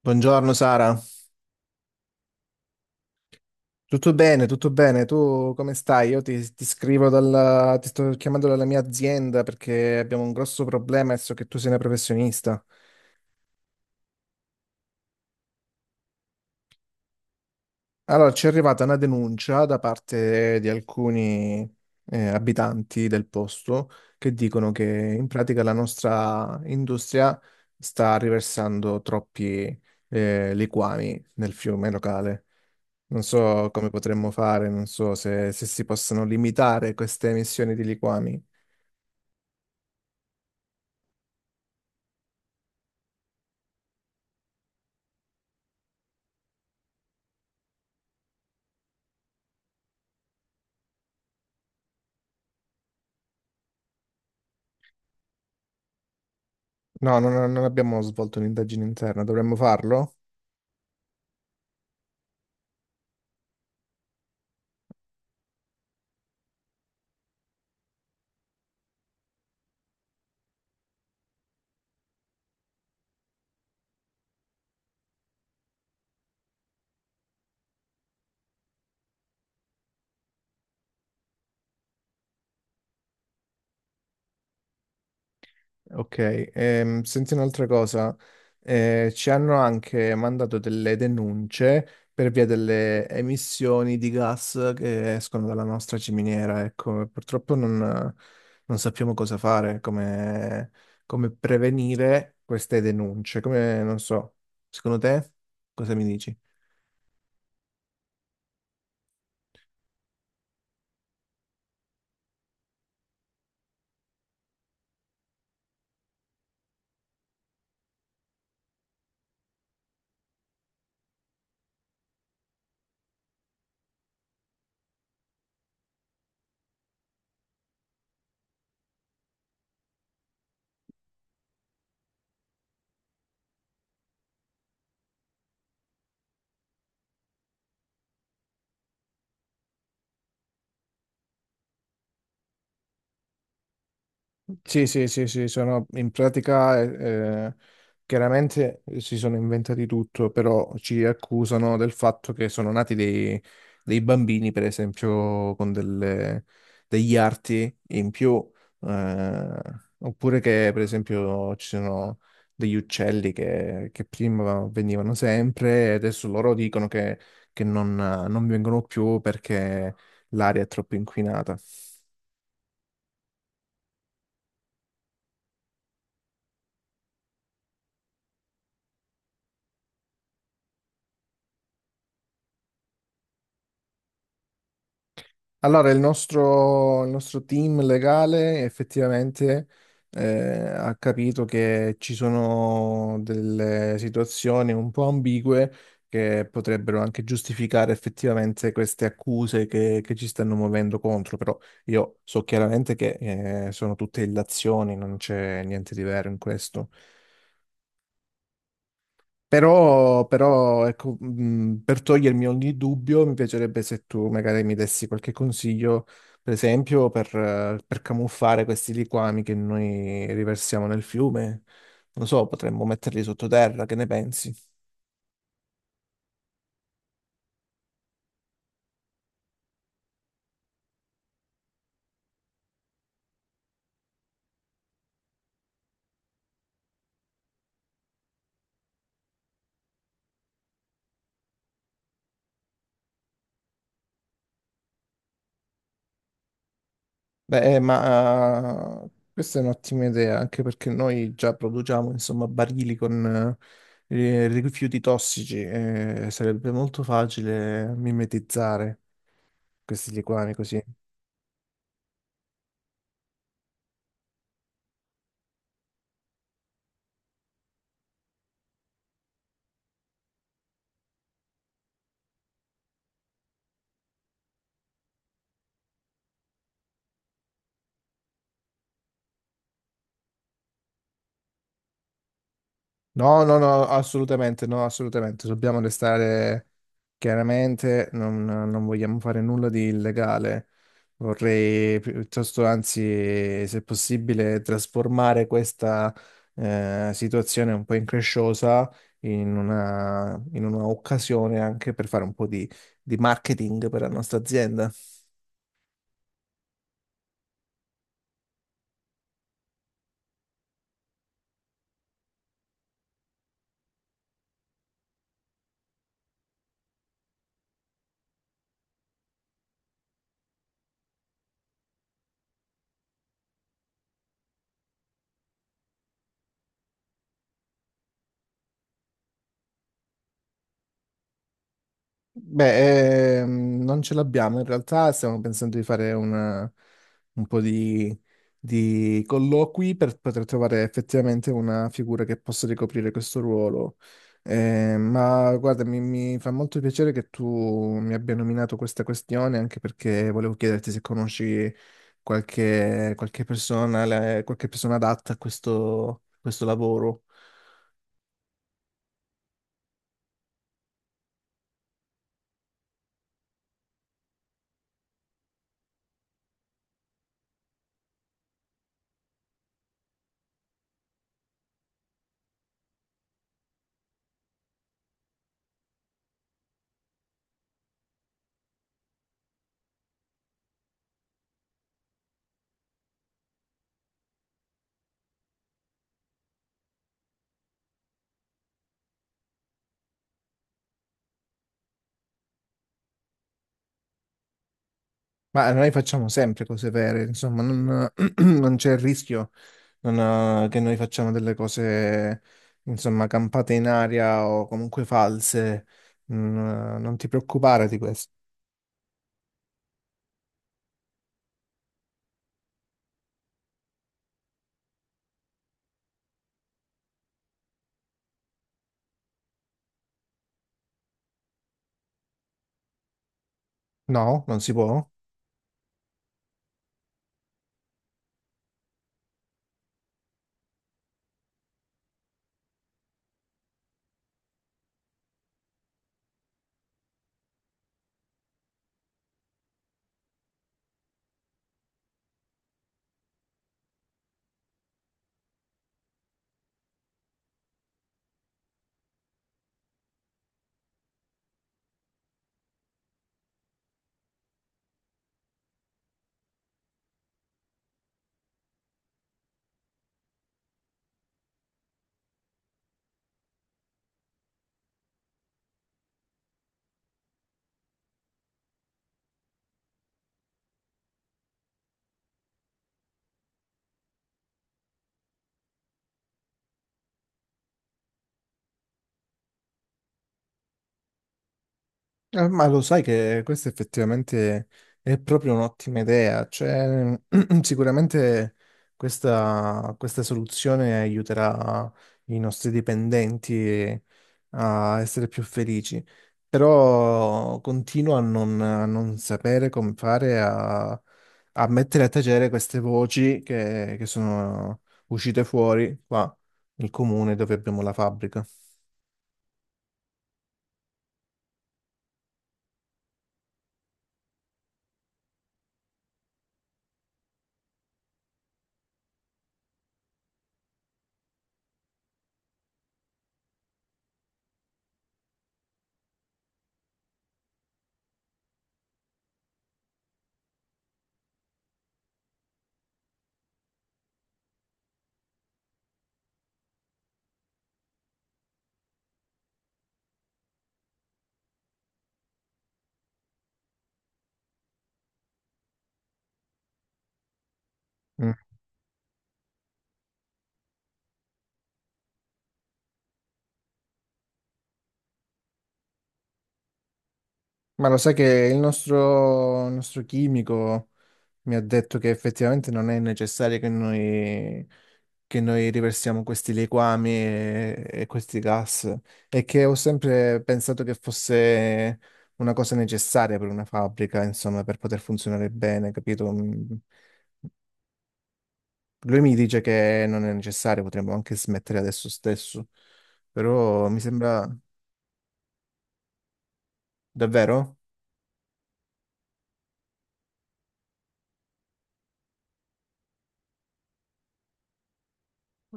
Buongiorno Sara, tutto bene, tu come stai? Io ti scrivo dalla, ti sto chiamando dalla mia azienda perché abbiamo un grosso problema e so che tu sei una professionista. Allora, ci è arrivata una denuncia da parte di alcuni abitanti del posto che dicono che in pratica la nostra industria sta riversando troppi liquami nel fiume locale. Non so come potremmo fare, non so se si possono limitare queste emissioni di liquami. No, non abbiamo svolto un'indagine interna, dovremmo farlo? Ok, senti un'altra cosa, ci hanno anche mandato delle denunce per via delle emissioni di gas che escono dalla nostra ciminiera, ecco, purtroppo non, non sappiamo cosa fare, come, come prevenire queste denunce, come, non so, secondo te cosa mi dici? Sì, sì, sì, sì, sono in pratica chiaramente si sono inventati tutto, però ci accusano del fatto che sono nati dei bambini, per esempio, con delle- degli arti in più, eh, oppure che, per esempio, ci sono degli uccelli che prima venivano sempre e adesso loro dicono che non vengono più perché l'aria è troppo inquinata. Allora, il nostro team legale effettivamente eh, ha capito che ci sono delle situazioni un po' ambigue che potrebbero anche giustificare effettivamente queste accuse che ci stanno muovendo contro, però io so chiaramente che sono tutte illazioni, non c'è niente di vero in questo. Però, però, ecco, per togliermi ogni dubbio, mi piacerebbe se tu magari mi dessi qualche consiglio, per esempio, per camuffare questi liquami che noi riversiamo nel fiume. Non so, potremmo metterli sottoterra, che ne pensi? Beh, ma questa è un'ottima idea, anche perché noi già produciamo, insomma, barili con rifiuti tossici e sarebbe molto facile mimetizzare questi liquami così. No, no, no, assolutamente, no, assolutamente. Dobbiamo restare chiaramente, non, non vogliamo fare nulla di illegale. Vorrei piuttosto, anzi, se possibile, trasformare questa situazione un po' incresciosa in una occasione anche per fare un po' di marketing per la nostra azienda. Beh, non ce l'abbiamo, in realtà stiamo pensando di fare una- un po' di colloqui per poter trovare effettivamente una figura che possa ricoprire questo ruolo. Ma guarda, mi fa molto piacere che tu mi abbia nominato questa questione, anche perché volevo chiederti se conosci qualche, qualche persona, la- qualche persona adatta a questo questo lavoro. Ma noi facciamo sempre cose vere, insomma, non, non c'è il rischio non, che noi facciamo delle cose, insomma, campate in aria o comunque false. Mm, non ti preoccupare di questo. No, non si può. Ma lo sai che questa effettivamente è proprio un'ottima idea, cioè sicuramente questa soluzione aiuterà i nostri dipendenti a essere più felici, però continuo a non sapere come fare a, a mettere a tacere queste voci che sono uscite fuori qua nel comune dove abbiamo la fabbrica. Mm. Ma lo sai che il nostro chimico mi ha detto che effettivamente non è necessario che noi riversiamo questi liquami e questi gas e che ho sempre pensato che fosse una cosa necessaria per una fabbrica, insomma, per poter funzionare bene, capito? Mm. Lui mi dice che non è necessario, potremmo anche smettere adesso stesso, però mi sembra davvero?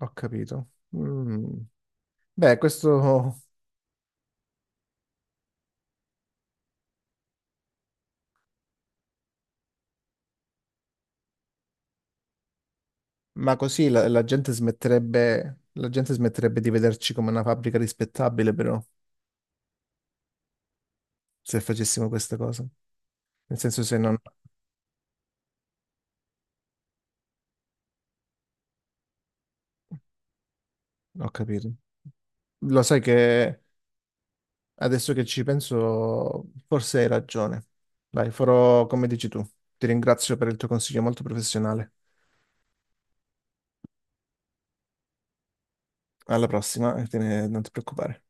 Ho capito. Mm. Beh, questo... Ma così la gente smetterebbe, la gente smetterebbe di vederci come una fabbrica rispettabile, però, se facessimo questa cosa. Nel senso se non... Ho capito. Lo sai che adesso che ci penso, forse hai ragione. Dai, farò come dici tu. Ti ringrazio per il tuo consiglio molto professionale. Alla prossima, e te ne- non ti preoccupare.